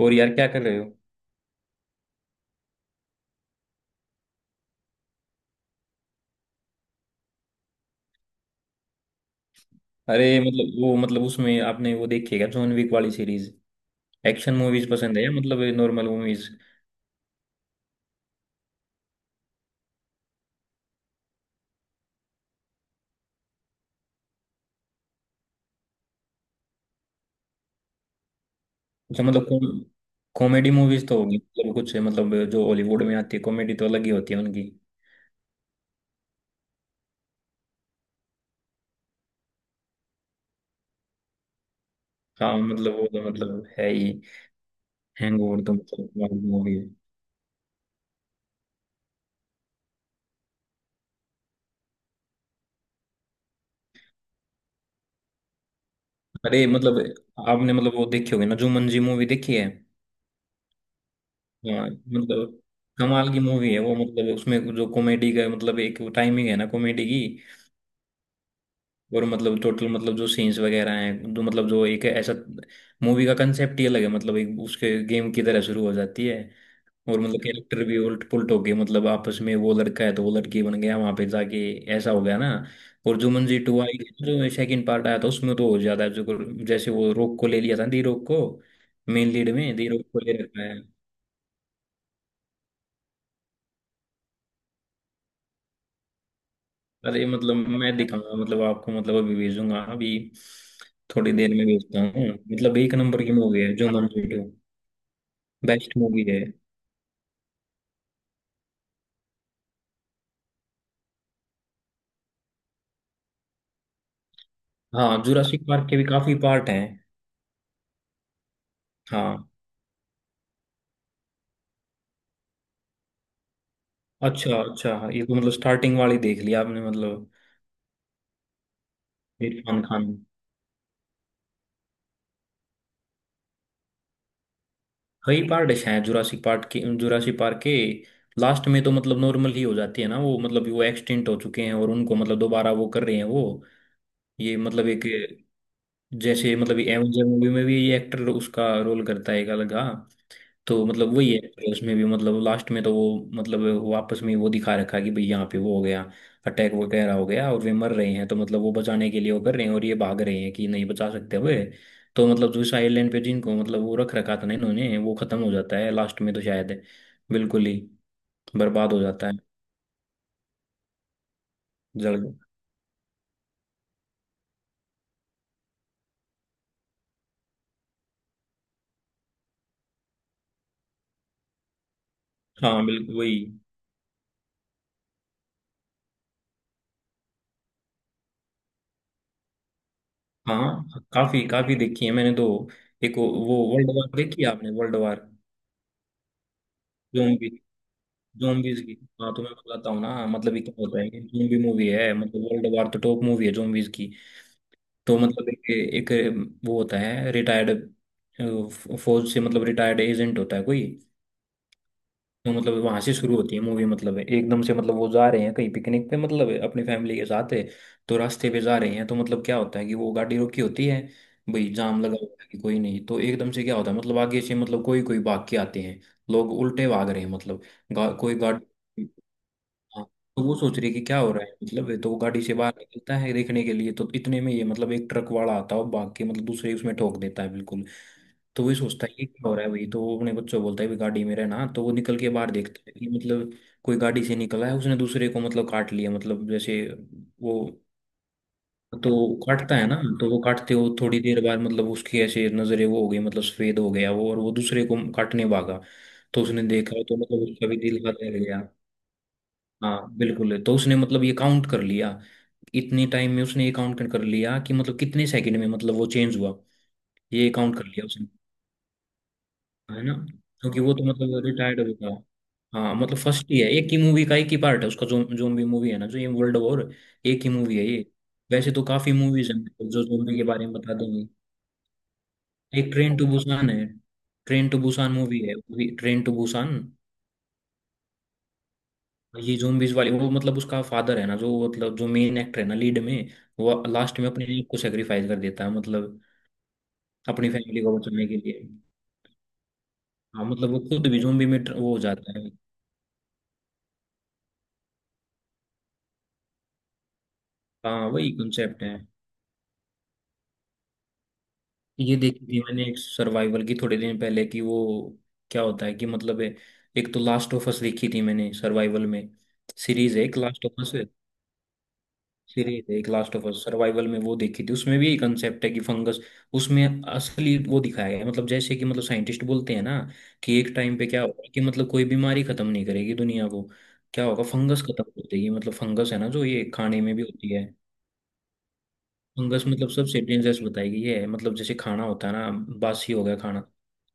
और यार, क्या कर रहे हो। अरे मतलब, वो मतलब उसमें आपने वो देखी है क्या, जॉन विक वाली सीरीज। एक्शन मूवीज पसंद है या मतलब नॉर्मल मूवीज। अच्छा मतलब। कॉमेडी मूवीज तो होगी, मतलब कुछ मतलब जो हॉलीवुड में आती है, कॉमेडी तो अलग ही होती है उनकी। हाँ मतलब, वो तो मतलब है ही। हैंगओवर तो मतलब मूवी है। अरे मतलब, आपने मतलब वो देखी होगी ना, जुमंजी मूवी देखी है। हाँ मतलब, कमाल की मूवी है वो। मतलब उसमें जो कॉमेडी का मतलब एक टाइमिंग है ना कॉमेडी की। और मतलब टोटल, मतलब जो सीन्स वगैरह हैं, जो मतलब जो एक ऐसा मूवी का कंसेप्ट ही अलग है। मतलब एक उसके गेम की तरह शुरू हो जाती है। और मतलब कैरेक्टर भी उल्ट पुलट हो गए, मतलब आपस में वो लड़का है तो वो लड़की बन गया वहां पे जाके, ऐसा हो गया ना। और जुमंजी टू आई, जो सेकंड पार्ट आया था उसमें तो और ज्यादा जो, जैसे वो रोक को ले लिया था, दी रोक को। मेन लीड में दी रोक को ले रखा है। अरे मतलब मैं दिखाऊंगा मतलब आपको, मतलब अभी भेजूंगा, अभी थोड़ी देर में भेजता हूँ। मतलब एक नंबर की मूवी है जुमंजी टू। बेस्ट मूवी है। हाँ, जुरासिक पार्क के भी काफी पार्ट हैं। हाँ, अच्छा अच्छा, ये तो मतलब स्टार्टिंग वाली देख लिया आपने मतलब। इरफान खान। कई पार्ट शायद जुरासिक पार्क के। जुरासिक पार्क के लास्ट में तो मतलब नॉर्मल ही हो जाती है ना वो, मतलब वो एक्सटेंट हो चुके हैं और उनको मतलब दोबारा वो कर रहे हैं वो। ये मतलब एक, जैसे मतलब एवेंजर मूवी में भी ये एक्टर उसका रोल करता है एक अलग हाँ। तो मतलब वही है कि उसमें भी मतलब लास्ट में तो वो मतलब वापस में वो दिखा रखा है कि भाई यहाँ पे वो हो गया, अटैक वगैरह हो गया और वे मर रहे हैं, तो मतलब वो बचाने के लिए वो कर रहे हैं और ये भाग रहे हैं कि नहीं बचा सकते हुए। तो मतलब जो इस आइलैंड पे जिनको मतलब वो रख रखा था ना इन्होंने, वो खत्म हो जाता है लास्ट में तो शायद, बिल्कुल ही बर्बाद हो जाता है। जल। हाँ बिल्कुल वही। हाँ, काफी काफी देखी है मैंने तो। एक वो वर्ल्ड वार देखी है आपने, वर्ल्ड वार zombies की। हाँ, तो मैं बताता हूँ ना, मतलब ये क्या होता है कि zombie मूवी है, मतलब वर्ल्ड वार तो टॉप मूवी है zombies की। तो मतलब एक, एक वो होता है रिटायर्ड फौज से, मतलब रिटायर्ड एजेंट होता है कोई। तो मतलब वहां से शुरू होती है मूवी, मतलब एकदम से मतलब वो जा रहे हैं कहीं पिकनिक पे, मतलब अपनी फैमिली के साथ है। तो रास्ते पे जा रहे हैं, तो मतलब क्या होता है कि वो गाड़ी रोकी होती है, भाई जाम लगा हुआ है कि कोई नहीं। तो एकदम से क्या होता है, मतलब आगे से मतलब कोई कोई भाग के आते हैं, लोग उल्टे भाग रहे हैं मतलब। कोई गाड़ी। हाँ। तो वो सोच रही है कि क्या हो रहा है, मतलब ये तो वो गाड़ी से बाहर निकलता है देखने के लिए, तो इतने में ये मतलब एक ट्रक वाला आता है और भाग के मतलब दूसरे उसमें ठोक देता है बिल्कुल। तो वही सोचता है ये क्या हो रहा है भाई, तो वो अपने बच्चों को बोलता है भी गाड़ी में रहना, तो वो निकल के बाहर देखता है कि मतलब कोई गाड़ी से निकला है, उसने दूसरे को मतलब काट लिया मतलब। जैसे वो तो काटता है ना, तो वो काटते हो थोड़ी देर बाद मतलब उसकी ऐसे नजरें वो हो गई, मतलब सफेद हो गया वो और वो दूसरे को काटने भागा। तो उसने देखा, तो मतलब उसका भी दिल हल्का लग गया। हाँ बिल्कुल। तो उसने मतलब ये काउंट कर लिया। इतने टाइम में उसने ये काउंट कर लिया कि मतलब कितने सेकंड में मतलब वो चेंज हुआ। ये काउंट कर लिया उसने, है ना, क्योंकि वो तो मतलब रिटायर्ड हो गया। हाँ, मतलब फर्स्ट ही है, एक ही मूवी का एक ही पार्ट है उसका, जो जोम्बी मूवी है ना, जो ये वर्ल्ड वॉर। एक ही मूवी है ये। वैसे तो काफी मूवीज हैं मतलब जो जोम्बी के बारे में बता देंगे। एक ट्रेन टू बुसान है। ट्रेन टू बुसान मूवी है, ट्रेन टू बुसान। ये जोम्बीज वाली, वो मतलब उसका फादर है ना, जो मतलब जो मेन एक्टर है ना लीड में, वो लास्ट में अपने आप को सेक्रीफाइस कर देता है, मतलब अपनी फैमिली को बचाने के लिए। हाँ, मतलब वो खुद भी जोम्बी में वो हो जाता है। हाँ वही कंसेप्ट है। ये देखी थी मैंने एक सर्वाइवल की थोड़े दिन पहले कि वो क्या होता है कि मतलब एक तो लास्ट ऑफ अस देखी थी मैंने सर्वाइवल में। सीरीज है एक लास्ट ऑफ अस। सीरीज है एक लास्ट ऑफ अस, सर्वाइवल में वो देखी थी। उसमें भी यही कंसेप्ट है कि फंगस उसमें असली वो दिखाया गया है। मतलब जैसे कि मतलब साइंटिस्ट बोलते हैं ना कि एक टाइम पे क्या होगा, कि मतलब कोई बीमारी खत्म नहीं करेगी दुनिया को, क्या होगा, फंगस खत्म कर देगी। मतलब फंगस है ना जो ये खाने में भी होती है, फंगस मतलब सबसे डेंजरस बताई गई है। मतलब जैसे खाना होता है ना, बासी हो गया खाना,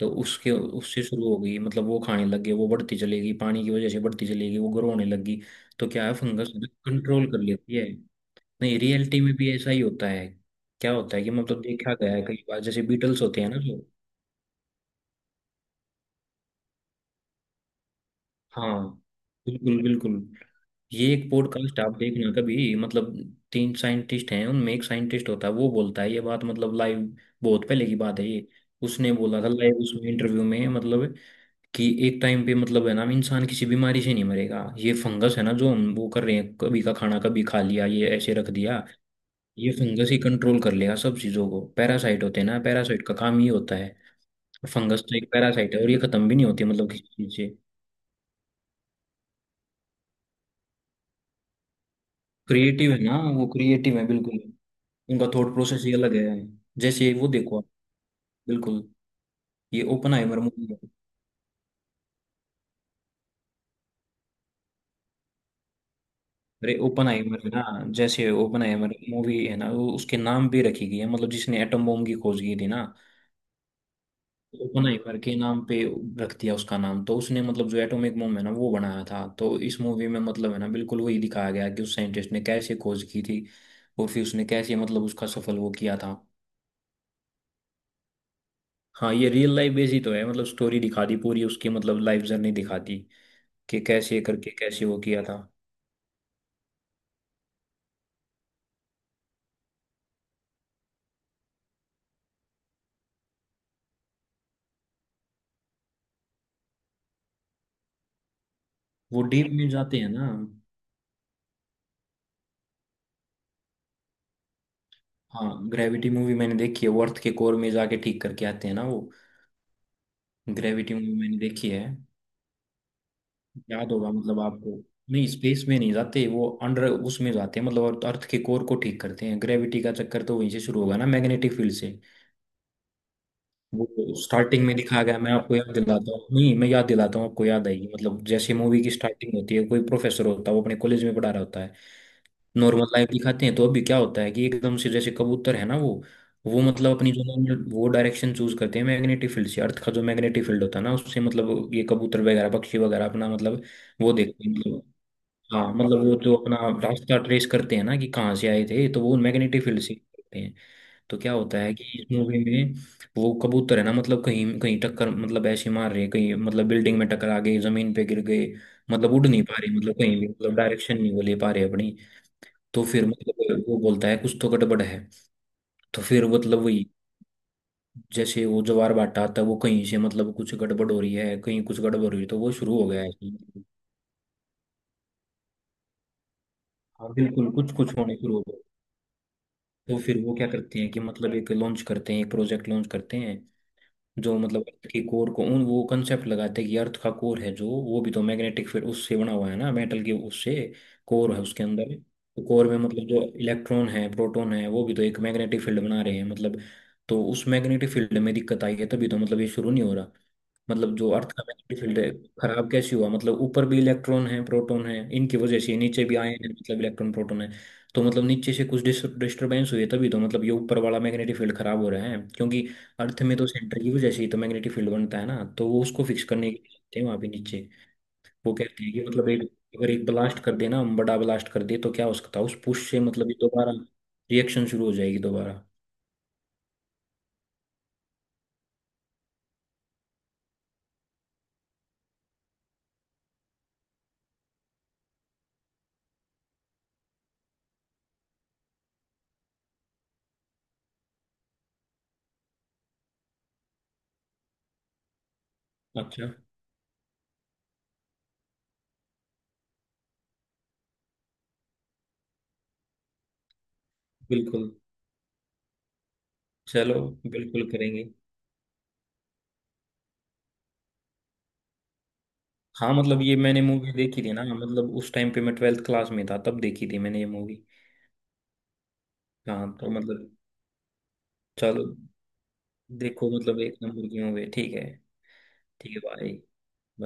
तो उसके उससे शुरू हो गई। मतलब वो खाने लग गए, वो बढ़ती चलेगी, पानी की वजह से बढ़ती चलेगी, वो ग्रो होने लगी। तो क्या है, फंगस कंट्रोल कर लेती है। नहीं, रियलिटी में भी ऐसा ही होता है। क्या होता है कि मतलब देखा गया है कई बार, जैसे बीटल्स होते हैं ना जो। हाँ बिल्कुल बिल्कुल। ये एक पॉडकास्ट आप देखना कभी मतलब, तीन साइंटिस्ट हैं उनमें, एक साइंटिस्ट होता है वो बोलता है ये बात, मतलब लाइव, बहुत पहले की बात है ये। उसने बोला था लाइव उसमें इंटरव्यू में, मतलब कि एक टाइम पे मतलब है ना, इंसान किसी बीमारी से नहीं मरेगा, ये फंगस है ना, जो हम वो कर रहे हैं कभी का खाना कभी खा लिया, ये ऐसे रख दिया। ये फंगस ही कंट्रोल कर लेगा सब चीजों को, पैरासाइट होते हैं ना, पैरासाइट का काम ही होता है। फंगस तो एक पैरासाइट है, और ये खत्म भी नहीं होती मतलब किसी चीज से। क्रिएटिव है ना वो, क्रिएटिव है बिल्कुल, उनका थॉट प्रोसेस ही अलग है। जैसे वो देखो आप, बिल्कुल। ये ओपन आइमर मूवी है, अरे ओपन आइमर है ना, जैसे ओपन आइमर मूवी है ना, वो उसके नाम पे रखी गई है, मतलब जिसने एटम बम की खोज की थी ना, ओपन आइमर के नाम पे रख दिया उसका नाम। तो उसने मतलब जो एटॉमिक बम है ना, वो बनाया था, तो इस मूवी में मतलब है ना बिल्कुल वही दिखाया गया कि उस साइंटिस्ट ने कैसे खोज की थी और फिर उसने कैसे मतलब उसका सफल वो किया था। हाँ, ये रियल लाइफ बेस ही तो है, मतलब स्टोरी दिखा दी पूरी उसकी, मतलब लाइफ जर्नी दिखा दी कि कैसे करके कैसे वो किया था। वो डीप में जाते हैं ना। हाँ, ग्रेविटी मूवी मैंने देखी है, वो अर्थ के कोर में जाके ठीक करके आते हैं ना वो। ग्रेविटी मूवी मैंने देखी है, याद होगा मतलब आपको। नहीं, स्पेस में नहीं जाते वो, अंडर उसमें जाते हैं, मतलब अर्थ, अर्थ के कोर को ठीक करते हैं। ग्रेविटी का चक्कर तो वहीं से शुरू होगा ना, मैग्नेटिक फील्ड से। वो स्टार्टिंग में दिखाया गया, मैं आपको याद दिलाता हूँ, नहीं मैं याद दिलाता हूँ आपको, याद आएगी। मतलब जैसे मूवी की स्टार्टिंग होती है, कोई प्रोफेसर होता है, वो अपने कॉलेज में पढ़ा रहा होता है, नॉर्मल लाइफ दिखाते हैं। तो अभी क्या होता है कि एकदम से जैसे कबूतर है ना वो मतलब अपनी जो वो डायरेक्शन चूज करते हैं मैग्नेटिक फील्ड से। अर्थ का जो मैग्नेटिक फील्ड होता है ना, उससे मतलब ये कबूतर वगैरह पक्षी वगैरह अपना मतलब वो देखते हैं मतलब। हाँ, मतलब वो जो अपना रास्ता ट्रेस करते हैं ना कि कहाँ से आए थे, तो वो मैग्नेटिक फील्ड से करते हैं। तो क्या होता है कि इस मूवी में, वो कबूतर है ना, मतलब कहीं कहीं टक्कर मतलब ऐसे मार रहे, कहीं मतलब बिल्डिंग में टकरा गए, जमीन पे गिर गए, मतलब उड़ नहीं पा रहे, मतलब कहीं भी मतलब डायरेक्शन नहीं वो ले पा रहे अपनी। तो फिर मतलब वो बोलता है कुछ तो गड़बड़ है। तो फिर मतलब वही, जैसे वो ज्वार भाटा आता है वो कहीं से, मतलब कुछ गड़बड़ हो रही है, कहीं कुछ गड़बड़ हो रही है, तो वो शुरू हो गया है। हाँ बिल्कुल, कुछ कुछ होने शुरू हो गए। तो फिर वो क्या करते हैं कि मतलब एक लॉन्च करते हैं, एक प्रोजेक्ट लॉन्च करते हैं, जो मतलब अर्थ के कोर को उन, वो कंसेप्ट लगाते हैं कि अर्थ का कोर है, जो वो भी तो मैग्नेटिक फील्ड उससे बना हुआ है ना, मेटल के उससे कोर है उसके अंदर। तो कोर में मतलब जो इलेक्ट्रॉन है, प्रोटॉन है, वो भी तो एक मैग्नेटिक फील्ड बना रहे हैं मतलब। तो उस मैग्नेटिक फील्ड में दिक्कत आई है, तभी तो मतलब ये शुरू नहीं हो रहा, मतलब जो अर्थ का मैग्नेटिक फील्ड है। खराब कैसे हुआ, मतलब ऊपर भी इलेक्ट्रॉन है प्रोटॉन है, इनकी वजह से नीचे भी आए हैं मतलब इलेक्ट्रॉन प्रोटॉन है। तो मतलब नीचे से कुछ डिस्टरबेंस हुई है, तभी तो मतलब ये ऊपर वाला मैग्नेटिक फील्ड खराब हो रहा है, क्योंकि अर्थ में तो सेंटर की वजह से ही तो मैग्नेटिक फील्ड बनता है ना। तो वो उसको फिक्स करने के लिए जाते हैं वहाँ पे नीचे। वो कहते हैं कि मतलब एक, अगर एक ब्लास्ट कर देना, हम बड़ा ब्लास्ट कर दे, तो क्या हो सकता है उस पुश से मतलब ये दोबारा रिएक्शन शुरू हो जाएगी दोबारा। अच्छा। बिल्कुल। चलो, बिल्कुल करेंगे। हाँ मतलब ये मैंने मूवी देखी थी ना, मतलब उस टाइम पे मैं 12वीं क्लास में था, तब देखी थी मैंने ये मूवी। हाँ तो मतलब, चलो, देखो मतलब एक नंबर की मूवी है। ठीक है, ठीक है भाई।